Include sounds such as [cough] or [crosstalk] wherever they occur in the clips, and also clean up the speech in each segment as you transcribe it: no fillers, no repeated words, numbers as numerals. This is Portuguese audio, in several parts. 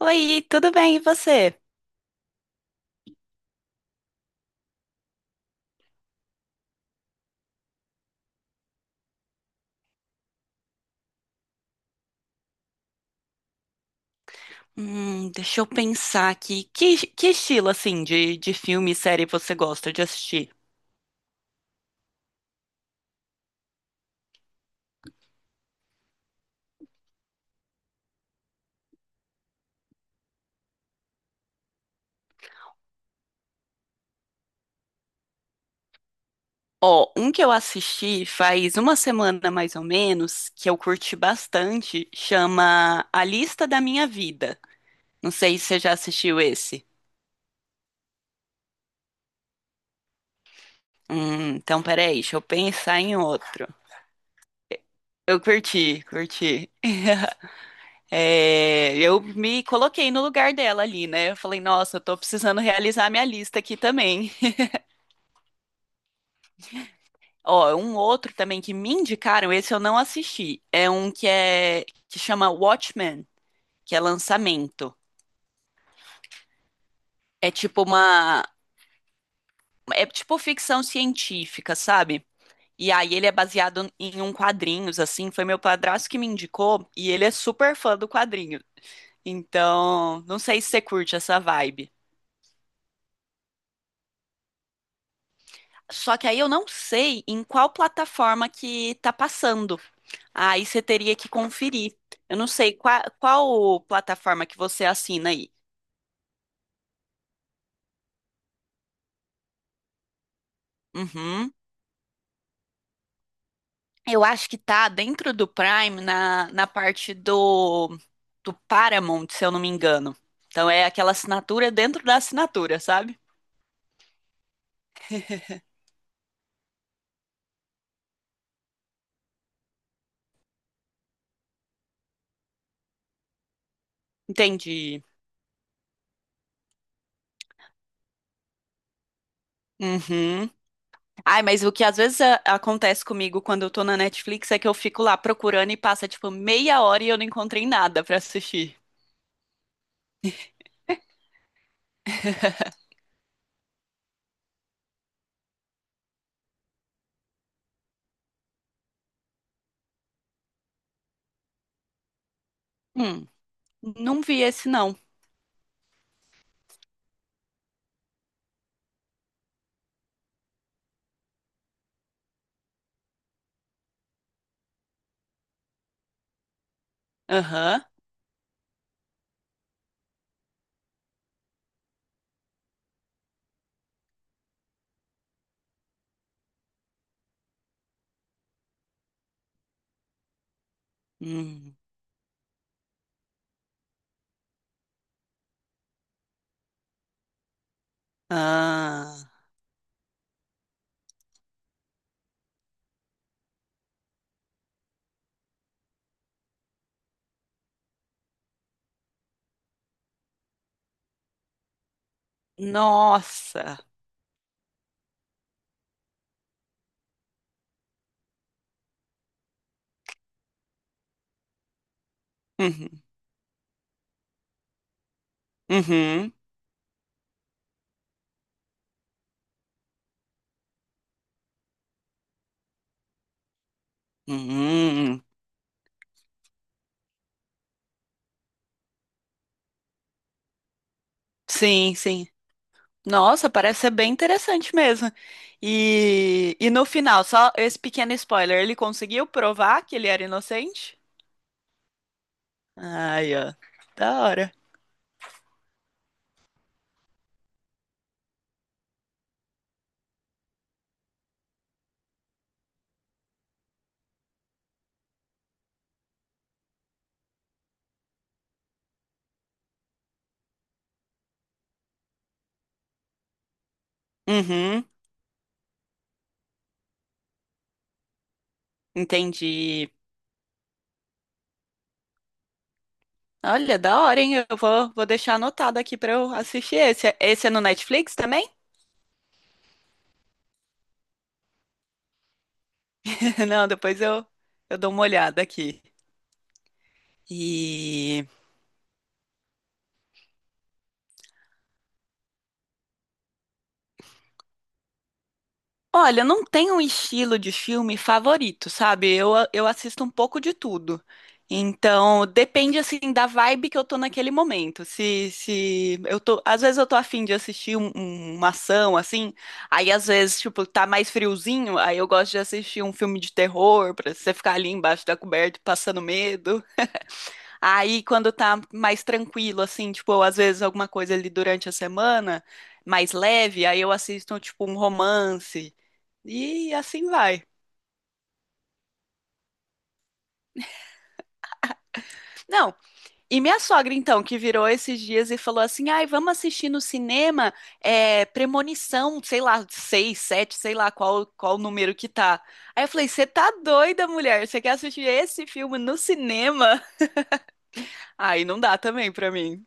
Oi, tudo bem, e você? Deixa eu pensar aqui. Que estilo, assim, de filme e série você gosta de assistir? Ó, um que eu assisti faz uma semana mais ou menos, que eu curti bastante, chama A Lista da Minha Vida. Não sei se você já assistiu esse. Então peraí, deixa eu pensar em outro. Eu curti, curti. É, eu me coloquei no lugar dela ali, né? Eu falei, nossa, eu tô precisando realizar minha lista aqui também. Ó, um outro também que me indicaram, esse eu não assisti. É um que é que chama Watchmen, que é lançamento. É tipo uma É tipo ficção científica, sabe? E aí ele é baseado em um quadrinhos assim, foi meu padrasto que me indicou e ele é super fã do quadrinho. Então, não sei se você curte essa vibe. Só que aí eu não sei em qual plataforma que tá passando. Aí você teria que conferir. Eu não sei qual plataforma que você assina aí. Uhum. Eu acho que tá dentro do Prime, na parte do, do Paramount, se eu não me engano. Então é aquela assinatura dentro da assinatura, sabe? Entendi. Uhum. Ai, mas o que às vezes acontece comigo quando eu tô na Netflix é que eu fico lá procurando e passa tipo meia hora e eu não encontrei nada pra assistir. Hum, não vi esse não. Aham. Hum. Ah. Nossa. Uhum. Uhum. Uhum. Sim, sim. Nossa, parece ser bem interessante mesmo. E no final, só esse pequeno spoiler, ele conseguiu provar que ele era inocente? Ai, ó, da hora. Uhum, entendi. Olha, da hora, hein? Eu vou, vou deixar anotado aqui pra eu assistir esse. Esse é no Netflix também? [laughs] Não, depois eu dou uma olhada aqui. E olha, não tem um estilo de filme favorito, sabe? Eu assisto um pouco de tudo. Então, depende, assim, da vibe que eu tô naquele momento. Se eu tô... Às vezes eu tô afim de assistir uma ação, assim. Aí, às vezes, tipo, tá mais friozinho. Aí eu gosto de assistir um filme de terror, pra você ficar ali embaixo da coberta passando medo. Aí, quando tá mais tranquilo, assim, tipo, às vezes alguma coisa ali durante a semana, mais leve. Aí eu assisto, tipo, um romance. E assim vai. Não, e minha sogra, então, que virou esses dias e falou assim: ai, vamos assistir no cinema é, Premonição, sei lá, seis, sete, sei lá qual número que tá. Aí eu falei: você tá doida, mulher? Você quer assistir esse filme no cinema? [laughs] Aí não dá também pra mim.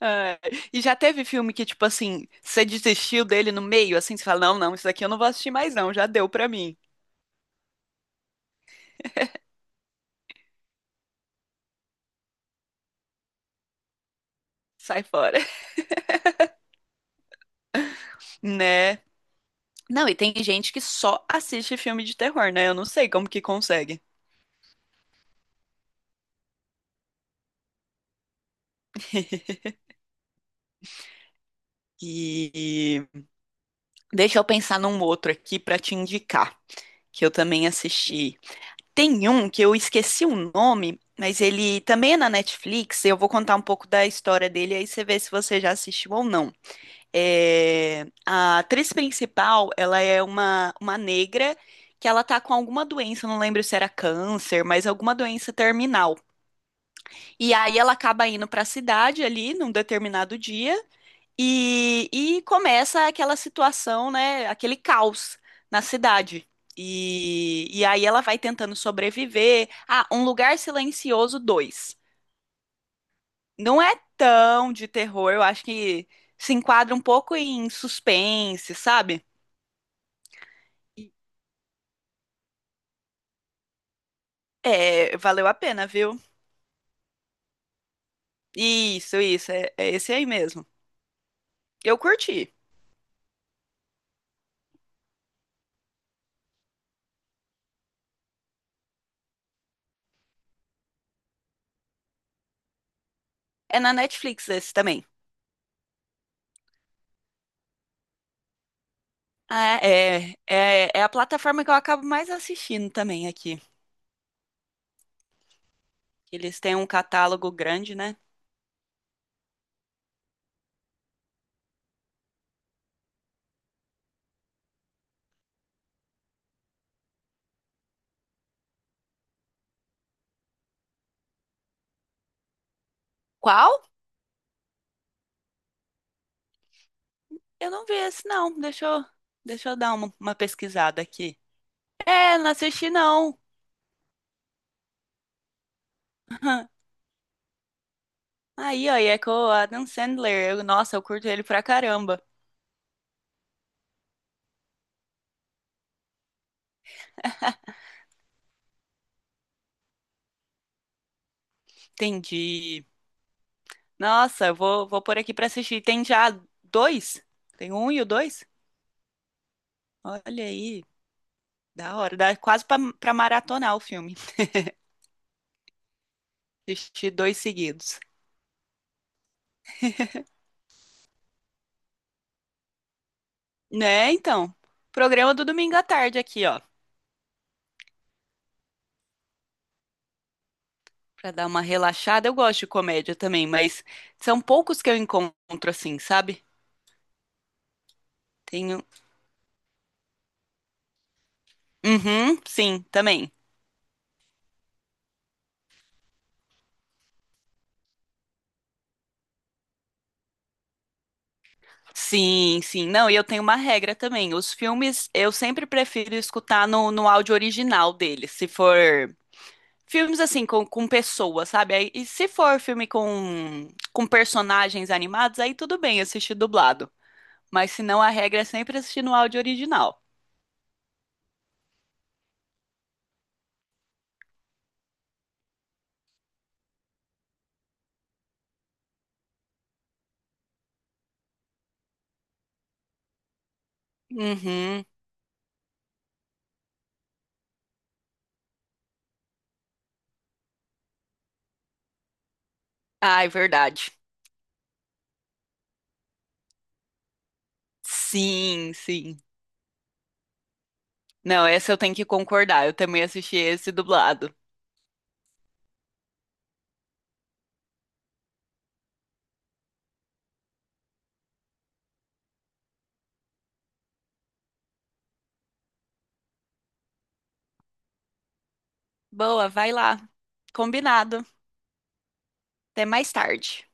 Ai, e já teve filme que, tipo assim, você desistiu dele no meio, assim, você fala: não, não, isso daqui eu não vou assistir mais, não, já deu pra mim. Sai fora, [laughs] né? Não, e tem gente que só assiste filme de terror, né? Eu não sei como que consegue. E deixa eu pensar num outro aqui pra te indicar, que eu também assisti. Tem um que eu esqueci o nome, mas ele também é na Netflix. Eu vou contar um pouco da história dele, aí você vê se você já assistiu ou não. É, a atriz principal, ela é uma negra que ela tá com alguma doença, eu não lembro se era câncer, mas alguma doença terminal. E aí ela acaba indo para a cidade ali num determinado dia e começa aquela situação, né? Aquele caos na cidade. E aí ela vai tentando sobreviver. Ah, Um Lugar Silencioso dois. Não é tão de terror, eu acho que se enquadra um pouco em suspense, sabe? É, valeu a pena, viu? Isso, é, é esse aí mesmo. Eu curti. É na Netflix esse também. Ah, é, é, é a plataforma que eu acabo mais assistindo também aqui. Eles têm um catálogo grande, né? Qual? Eu não vi esse, não. Deixa eu dar uma pesquisada aqui. É, não assisti, não. [laughs] Aí, ó, e é com o Adam Sandler. Nossa, eu curto ele pra caramba. Entendi. Nossa, eu vou, vou pôr aqui pra assistir. Tem já dois? Tem um e o dois? Olha aí, da hora. Dá quase pra maratonar o filme. [laughs] Assistir dois seguidos. Né, então. Programa do domingo à tarde aqui, ó. Pra dar uma relaxada. Eu gosto de comédia também, mas são poucos que eu encontro assim, sabe? Tenho. Uhum, sim, também. Sim, sim. Não, e eu tenho uma regra também. Os filmes eu sempre prefiro escutar no áudio original deles. Se for filmes assim, com pessoas, sabe? Aí- e se for filme com personagens animados, aí tudo bem assistir dublado. Mas se não, a regra é sempre assistir no áudio original. Uhum. Ai, verdade. Sim, sim. Não, essa eu tenho que concordar. Eu também assisti esse dublado. Boa, vai lá. Combinado. Até mais tarde.